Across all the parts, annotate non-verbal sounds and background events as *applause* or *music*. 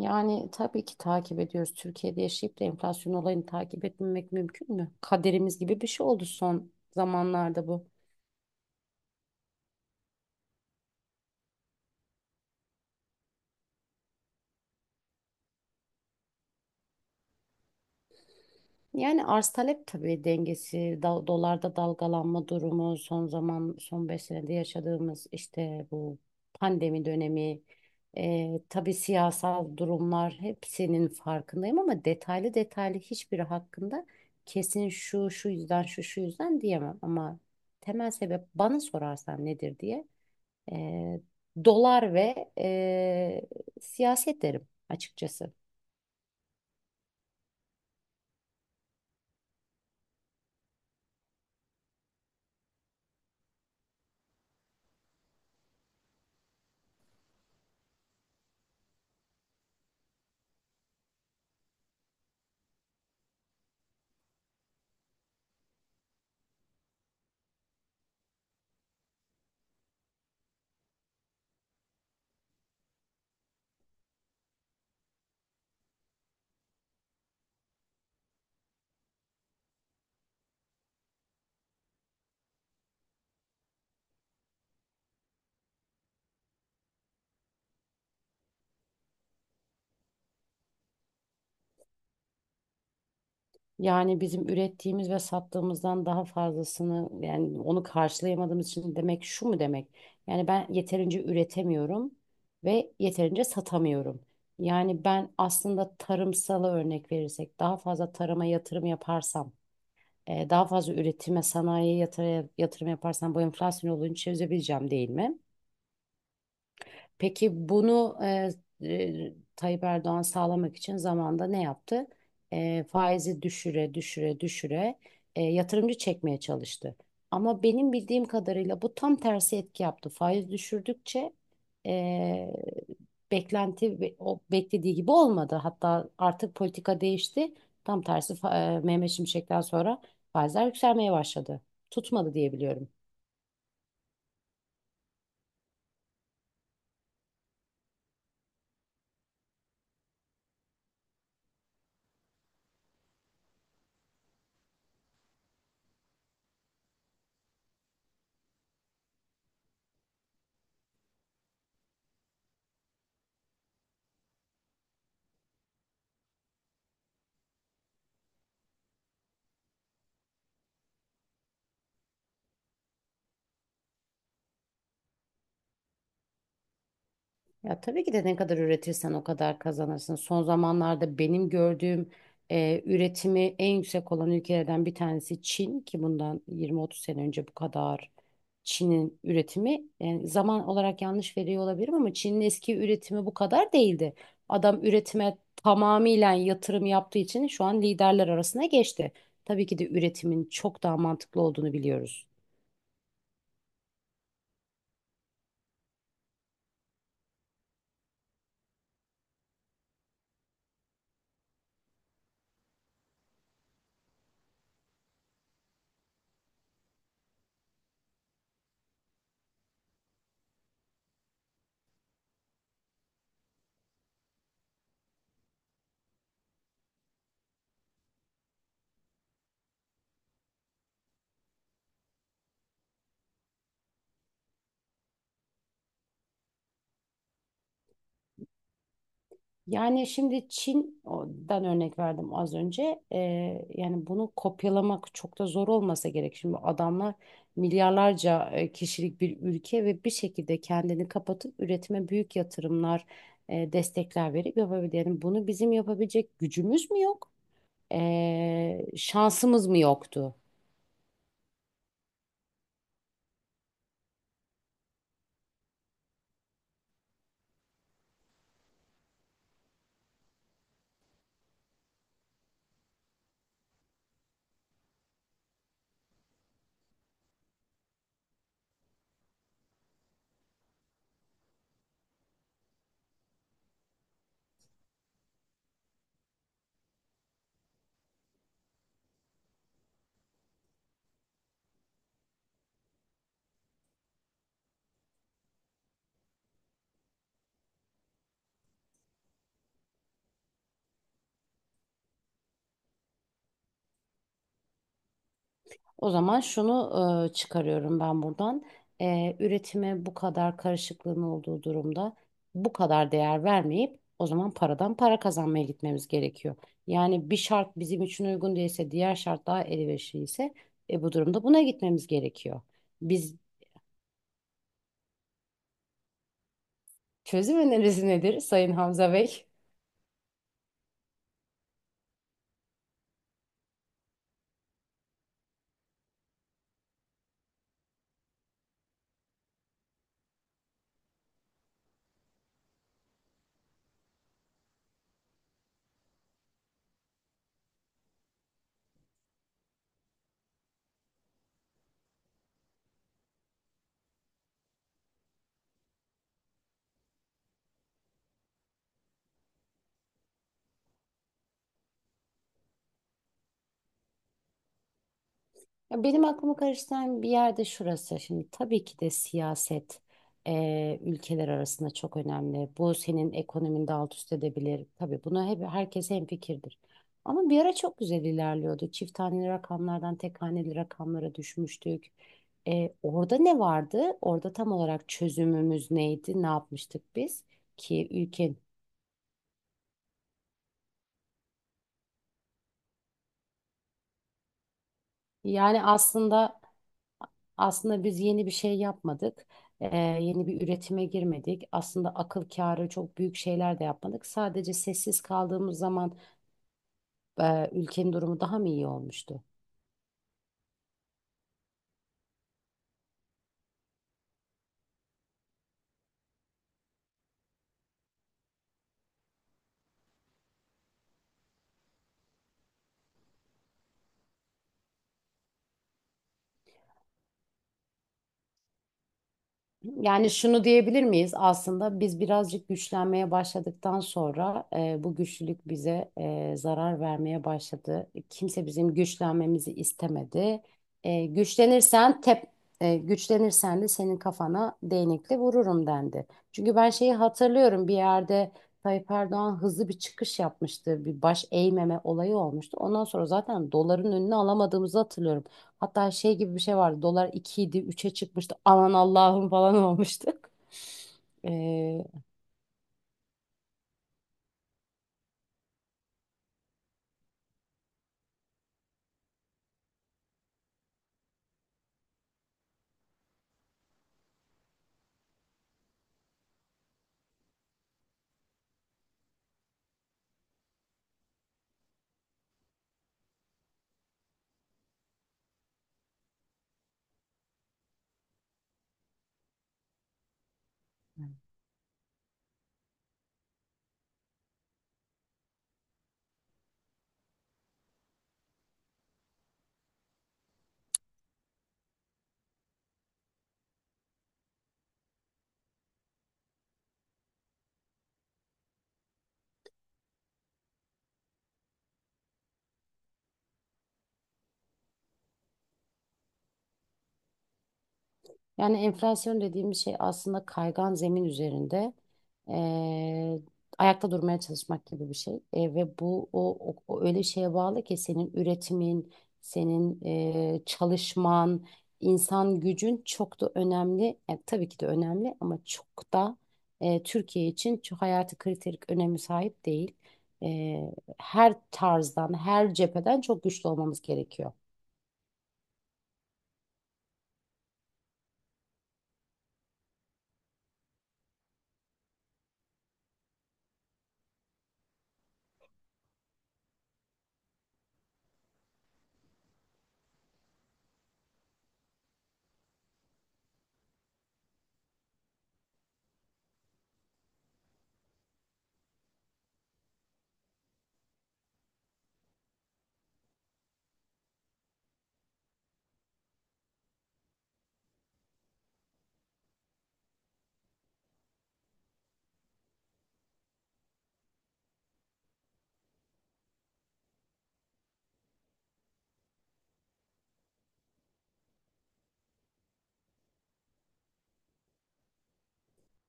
Yani tabii ki takip ediyoruz. Türkiye'de yaşayıp da enflasyon olayını takip etmemek mümkün mü? Kaderimiz gibi bir şey oldu son zamanlarda bu. Yani arz talep tabii dengesi, dolarda dalgalanma durumu, son 5 senede yaşadığımız işte bu pandemi dönemi, tabii siyasal durumlar hepsinin farkındayım ama detaylı detaylı hiçbiri hakkında kesin şu şu yüzden şu şu yüzden diyemem ama temel sebep bana sorarsan nedir diye e, dolar ve siyaset derim açıkçası. Yani bizim ürettiğimiz ve sattığımızdan daha fazlasını, yani onu karşılayamadığımız için demek, şu mu demek? Yani ben yeterince üretemiyorum ve yeterince satamıyorum. Yani ben aslında tarımsala örnek verirsek daha fazla tarıma yatırım yaparsam, daha fazla üretime, sanayiye yatırım yaparsam bu enflasyon olduğunu çözebileceğim, değil mi? Peki bunu Tayyip Erdoğan sağlamak için zamanda ne yaptı? Faizi düşüre düşüre düşüre yatırımcı çekmeye çalıştı. Ama benim bildiğim kadarıyla bu tam tersi etki yaptı. Faiz düşürdükçe e, beklenti o beklediği gibi olmadı. Hatta artık politika değişti. Tam tersi Mehmet Şimşek'ten sonra faizler yükselmeye başladı. Tutmadı diye biliyorum. Ya tabii ki de ne kadar üretirsen o kadar kazanırsın. Son zamanlarda benim gördüğüm, üretimi en yüksek olan ülkelerden bir tanesi Çin, ki bundan 20-30 sene önce bu kadar Çin'in üretimi, yani zaman olarak yanlış veriyor olabilirim, ama Çin'in eski üretimi bu kadar değildi. Adam üretime tamamıyla yatırım yaptığı için şu an liderler arasına geçti. Tabii ki de üretimin çok daha mantıklı olduğunu biliyoruz. Yani şimdi Çin'den örnek verdim az önce. Yani bunu kopyalamak çok da zor olmasa gerek. Şimdi adamlar milyarlarca kişilik bir ülke ve bir şekilde kendini kapatıp üretime büyük yatırımlar, destekler verip yapabilir. Yani bunu bizim yapabilecek gücümüz mü yok? Şansımız mı yoktu? O zaman şunu çıkarıyorum ben buradan. Üretime bu kadar karışıklığın olduğu durumda bu kadar değer vermeyip o zaman paradan para kazanmaya gitmemiz gerekiyor. Yani bir şart bizim için uygun değilse, diğer şart daha elverişliyse, bu durumda buna gitmemiz gerekiyor. Biz, çözüm önerisi nedir Sayın Hamza Bey? Ya benim aklımı karıştıran bir yerde şurası. Şimdi tabii ki de siyaset ülkeler arasında çok önemli. Bu senin ekonomini de alt üst edebilir. Tabii buna hep herkes hemfikirdir. Ama bir ara çok güzel ilerliyordu. Çift haneli rakamlardan tek haneli rakamlara düşmüştük. Orada ne vardı? Orada tam olarak çözümümüz neydi? Ne yapmıştık biz ki ülkenin? Yani aslında Aslında biz yeni bir şey yapmadık. Yeni bir üretime girmedik. Aslında akıl kârı çok büyük şeyler de yapmadık. Sadece sessiz kaldığımız zaman ülkenin durumu daha mı iyi olmuştu? Yani şunu diyebilir miyiz? Aslında biz birazcık güçlenmeye başladıktan sonra bu güçlülük bize zarar vermeye başladı. Kimse bizim güçlenmemizi istemedi. E, güçlenirsen tep, Güçlenirsen de senin kafana değnekle vururum dendi. Çünkü ben şeyi hatırlıyorum bir yerde, Tayyip Erdoğan hızlı bir çıkış yapmıştı. Bir baş eğmeme olayı olmuştu. Ondan sonra zaten doların önüne alamadığımızı hatırlıyorum. Hatta şey gibi bir şey vardı. Dolar 2 idi, 3'e çıkmıştı. Aman Allah'ım falan olmuştuk. *laughs* Yani enflasyon dediğimiz şey aslında kaygan zemin üzerinde eee, ayakta durmaya çalışmak gibi bir şey. Ve bu o öyle şeye bağlı ki senin üretimin, senin çalışman, insan gücün çok da önemli. Tabii ki de önemli, ama çok da Türkiye için çok hayati kriterik önemi sahip değil. E, Her tarzdan, her cepheden çok güçlü olmamız gerekiyor.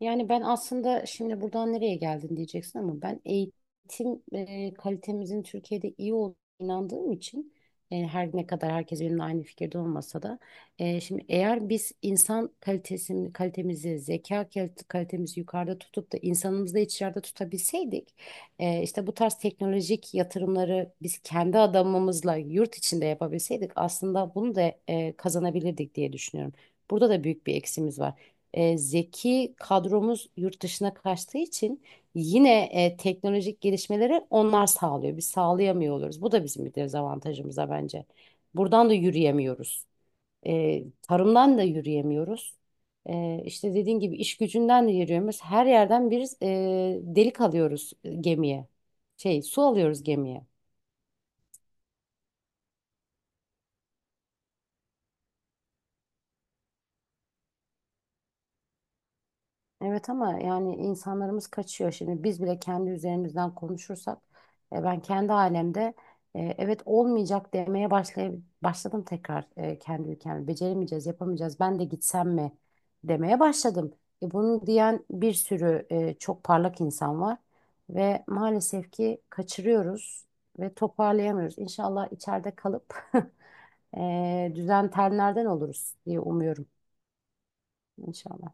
Yani ben aslında şimdi buradan nereye geldin diyeceksin, ama ben eğitim kalitemizin Türkiye'de iyi olduğuna inandığım için, her ne kadar herkes benimle aynı fikirde olmasa da, şimdi eğer biz insan kalitesini, kalitemizi, kalitemizi yukarıda tutup da insanımızı da içeride tutabilseydik, işte bu tarz teknolojik yatırımları biz kendi adamımızla yurt içinde yapabilseydik, aslında bunu da kazanabilirdik diye düşünüyorum. Burada da büyük bir eksimiz var, zeki kadromuz yurt dışına kaçtığı için yine teknolojik gelişmeleri onlar sağlıyor. Biz sağlayamıyor oluruz. Bu da bizim bir dezavantajımıza bence. Buradan da yürüyemiyoruz. Tarımdan da yürüyemiyoruz. İşte dediğin gibi iş gücünden de yürüyemiyoruz. Her yerden bir delik alıyoruz gemiye. Şey, su alıyoruz gemiye. Evet ama yani insanlarımız kaçıyor. Şimdi biz bile kendi üzerimizden konuşursak, ben kendi alemde evet olmayacak demeye başlay başladım tekrar, kendi ülkemde. Beceremeyeceğiz, yapamayacağız. Ben de gitsem mi demeye başladım. Bunu diyen bir sürü çok parlak insan var ve maalesef ki kaçırıyoruz ve toparlayamıyoruz. İnşallah içeride kalıp *laughs* düzen tenlerden oluruz diye umuyorum. İnşallah.